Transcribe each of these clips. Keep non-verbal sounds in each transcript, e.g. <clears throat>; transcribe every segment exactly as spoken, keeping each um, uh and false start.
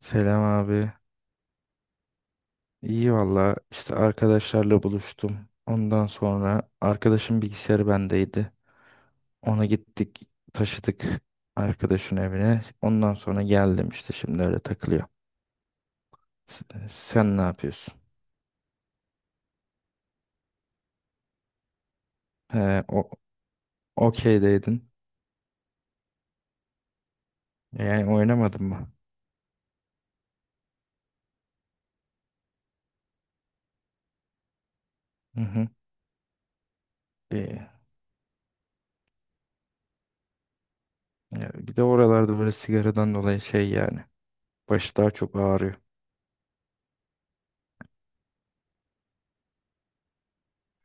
Selam abi. İyi valla işte arkadaşlarla buluştum. Ondan sonra arkadaşın bilgisayarı bendeydi. Ona gittik taşıdık arkadaşın evine. Ondan sonra geldim işte şimdi öyle takılıyor. S- Sen ne yapıyorsun? He, o okeydeydin. E, Yani oynamadın mı? Hı hı. İyi. Ya bir de oralarda böyle sigaradan dolayı şey yani. Başı daha çok ağrıyor.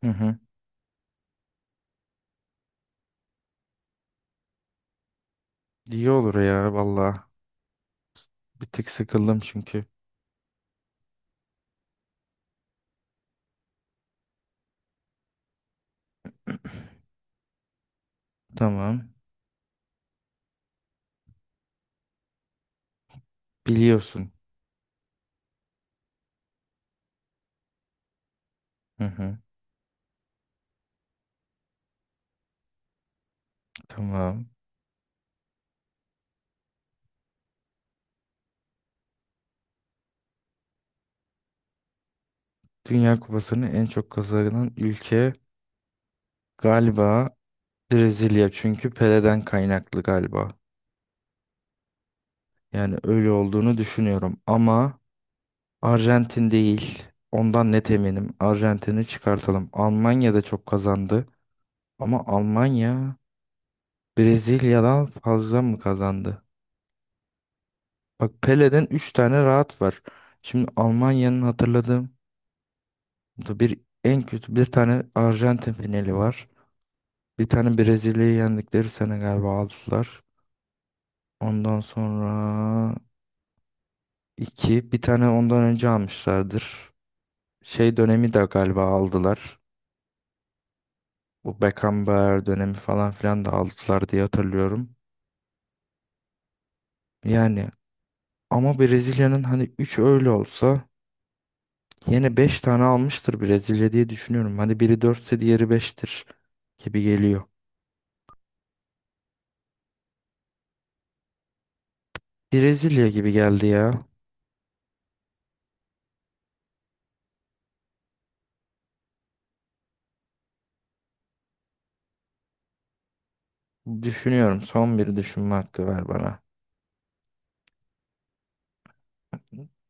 Hı hı. İyi olur ya valla. Bir tık sıkıldım çünkü. <clears throat> Tamam. Biliyorsun. Hı hı, tamam. Dünya Kupası'nı en çok kazanan ülke galiba Brezilya. Çünkü Pele'den kaynaklı galiba. Yani öyle olduğunu düşünüyorum. Ama Arjantin değil. Ondan net eminim. Arjantin'i çıkartalım. Almanya da çok kazandı. Ama Almanya Brezilya'dan fazla mı kazandı? Bak Pele'den üç tane rahat var. Şimdi Almanya'nın hatırladığım bu da bir en kötü bir tane Arjantin finali var. Bir tane Brezilya'yı yendikleri sene galiba aldılar. Ondan sonra iki. Bir tane ondan önce almışlardır. Şey dönemi de galiba aldılar. Bu Beckenbauer dönemi falan filan da aldılar diye hatırlıyorum. Yani ama Brezilya'nın hani üç öyle olsa yine beş tane almıştır Brezilya diye düşünüyorum. Hani biri dörtse diğeri beştir gibi geliyor. Brezilya gibi geldi ya. Düşünüyorum. Son bir düşünme hakkı ver bana.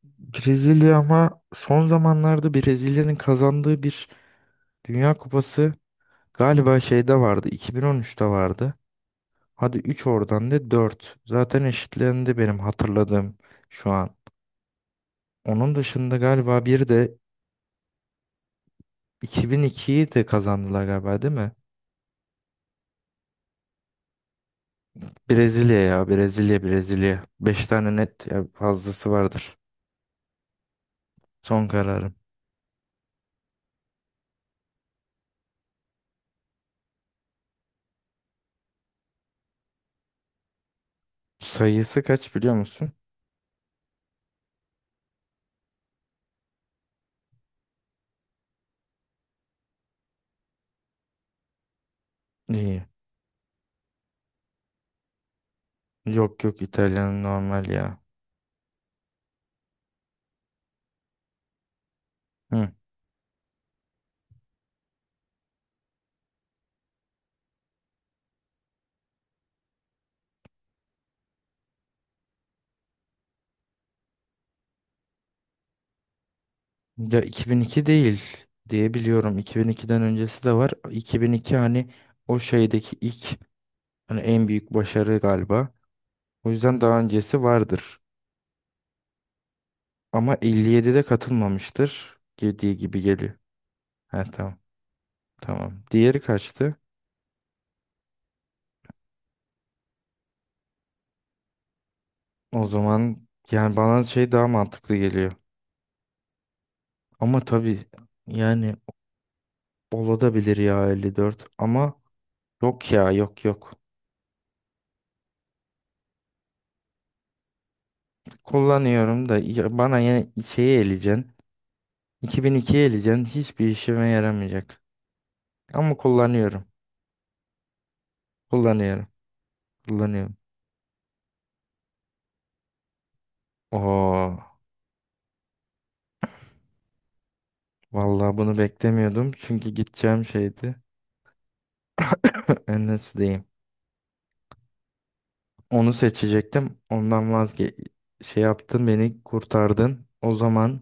Brezilya ama son zamanlarda Brezilya'nın kazandığı bir Dünya Kupası galiba şeyde vardı. iki bin on üçte vardı. Hadi üç oradan da dört. Zaten eşitlendi benim hatırladığım şu an. Onun dışında galiba bir de iki bin ikiyi de kazandılar galiba değil mi? Brezilya ya Brezilya Brezilya. beş tane net ya fazlası vardır. Son kararım. Sayısı kaç biliyor musun? İyi. Yok yok İtalyan normal ya. Hı. Ya iki bin iki değil diye biliyorum. iki bin ikiden öncesi de var. iki bin iki hani o şeydeki ilk hani en büyük başarı galiba. O yüzden daha öncesi vardır. Ama elli yedide katılmamıştır dediği gibi geliyor. He tamam. Tamam. Diğeri kaçtı? O zaman yani bana şey daha mantıklı geliyor. Ama tabii yani olabilir ya elli dört ama yok ya yok yok. Kullanıyorum da ya bana yine şeyi eleyeceksin. iki bin iki eleyeceksin. Hiçbir işime yaramayacak. Ama kullanıyorum. Kullanıyorum. Kullanıyorum. Oo. Vallahi bunu beklemiyordum. Çünkü gideceğim şeydi. Enes'deyim. Onu seçecektim. Ondan vazge şey yaptın beni kurtardın. O zaman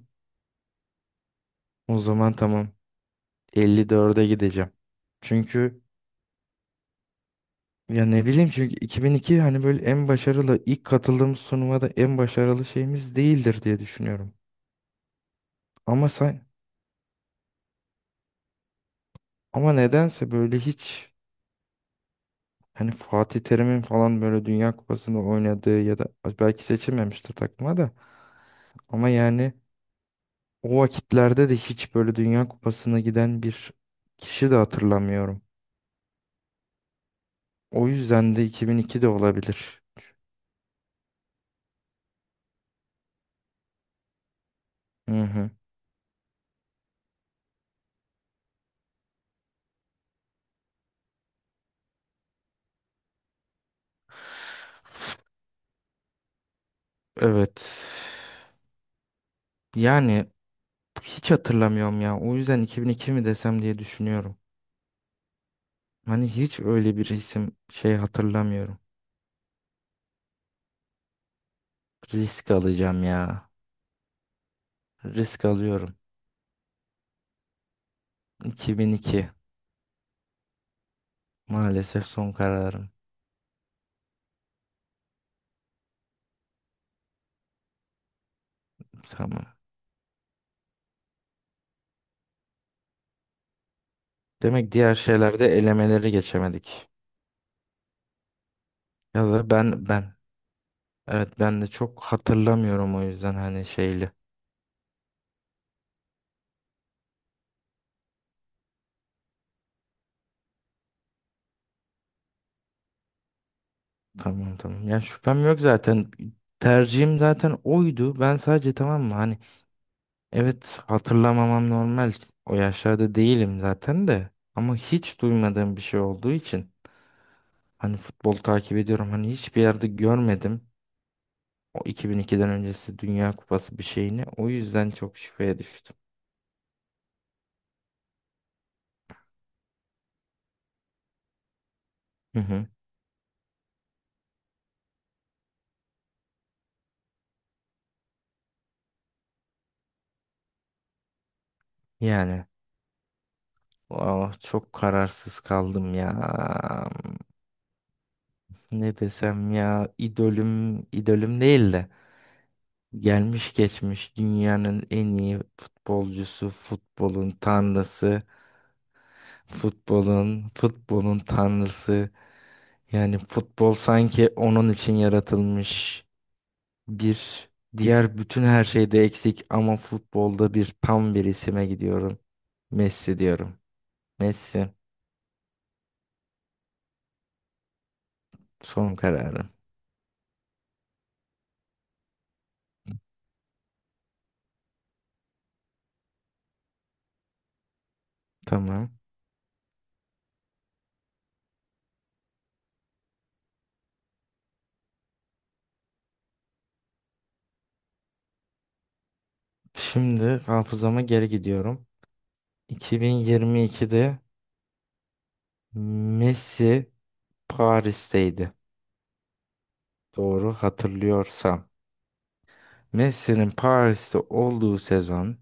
o zaman tamam. elli dörde gideceğim. Çünkü ya ne bileyim çünkü iki bin iki hani böyle en başarılı ilk katıldığımız sunuma da en başarılı şeyimiz değildir diye düşünüyorum. Ama sen ama nedense böyle hiç hani Fatih Terim'in falan böyle Dünya Kupası'nda oynadığı ya da belki seçilmemiştir takıma da ama yani o vakitlerde de hiç böyle Dünya Kupası'na giden bir kişi de hatırlamıyorum. O yüzden de iki bin iki de olabilir. Hı hı. Evet. Yani hiç hatırlamıyorum ya. O yüzden iki bin iki mi desem diye düşünüyorum. Hani hiç öyle bir isim şey hatırlamıyorum. Risk alacağım ya. Risk alıyorum. iki bin iki. Maalesef son kararım. Tamam. Demek diğer şeylerde elemeleri geçemedik. Ya da ben ben evet ben de çok hatırlamıyorum o yüzden hani şeyli. Tamam tamam. Ya şüphem yok zaten. Tercihim zaten oydu. Ben sadece tamam mı hani evet hatırlamamam normal. O yaşlarda değilim zaten de. Ama hiç duymadığım bir şey olduğu için hani futbol takip ediyorum. Hani hiçbir yerde görmedim. O iki bin ikiden öncesi Dünya Kupası bir şeyini. O yüzden çok şüpheye düştüm. Hı hı. Yani oh, çok kararsız kaldım ya. Ne desem ya idolüm idolüm değil de gelmiş geçmiş dünyanın en iyi futbolcusu, futbolun tanrısı, futbolun futbolun tanrısı. Yani futbol sanki onun için yaratılmış bir diğer bütün her şeyde eksik ama futbolda bir tam bir isime gidiyorum. Messi diyorum. Messi son kararım. Tamam. Şimdi hafızama geri gidiyorum. iki bin yirmi ikide Messi Paris'teydi. Doğru hatırlıyorsam. Messi'nin Paris'te olduğu sezon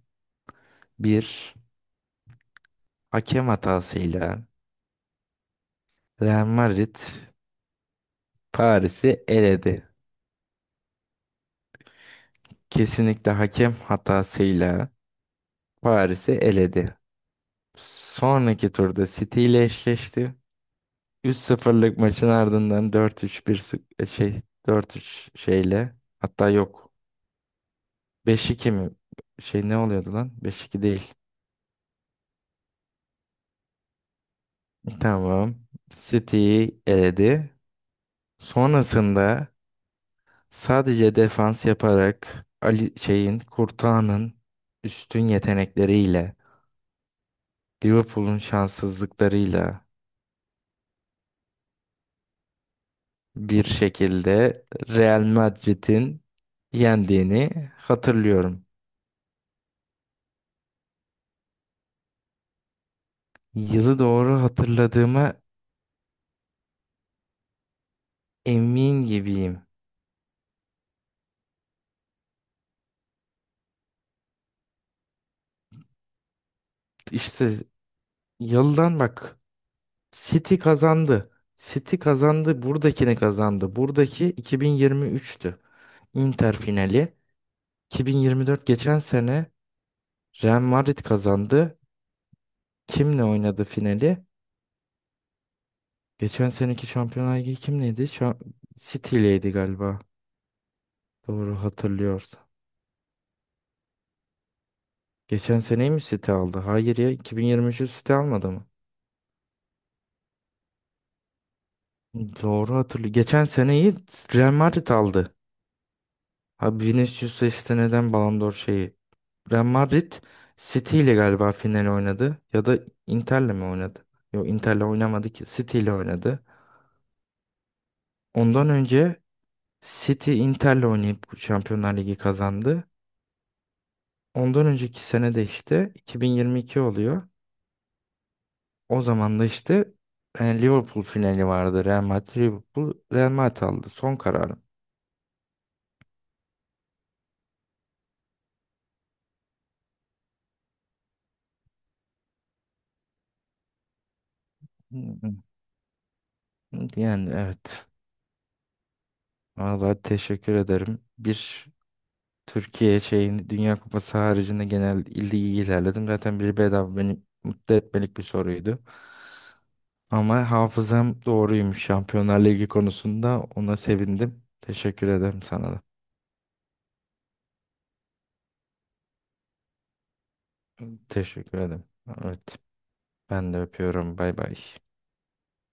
bir hakem hatasıyla Real Madrid Paris'i eledi. Kesinlikle hakem hatasıyla Paris'i eledi. Sonraki turda City ile eşleşti. üç sıfırlık maçın ardından dört üç bir şey dört üç şeyle hatta yok beş iki mi? Şey ne oluyordu lan? beş iki değil. <laughs> Tamam. City'yi eledi. Sonrasında sadece defans yaparak Ali şeyin Courtois'ın üstün yetenekleriyle Liverpool'un şanssızlıklarıyla bir şekilde Real Madrid'in yendiğini hatırlıyorum. Yılı doğru hatırladığıma emin gibiyim. İşte yıldan bak City kazandı. City kazandı. Buradakini kazandı. Buradaki iki bin yirmi üçtü. Inter finali. iki bin yirmi dört geçen sene Real Madrid kazandı. Kimle oynadı finali? Geçen seneki Şampiyonlar Ligi kimleydi? Şu City galiba. Doğru hatırlıyorsam. Geçen seneyi mi City aldı? Hayır ya iki bin yirmi üçü City almadı mı? Doğru hatırlıyorum. Geçen seneyi Real Madrid aldı. Abi Vinicius'a işte neden Ballon d'Or şeyi? Real Madrid City ile galiba final oynadı. Ya da Inter'le mi oynadı? Yok Inter'le oynamadı ki. City ile oynadı. Ondan önce City Inter'le oynayıp Şampiyonlar Ligi kazandı. Ondan önceki sene de işte iki bin yirmi iki oluyor. O zaman da işte e, Liverpool finali vardı. Real Madrid Liverpool Real Madrid aldı. Son kararım. Hı hı. Yani evet. Vallahi teşekkür ederim. Bir Türkiye şeyin Dünya Kupası haricinde genel ilde iyi ilerledim. Zaten bir bedava beni mutlu etmelik bir soruydu. Ama hafızam doğruymuş Şampiyonlar Ligi konusunda. Ona sevindim. Teşekkür ederim sana da. Teşekkür ederim. Evet. Ben de öpüyorum. Bay bay.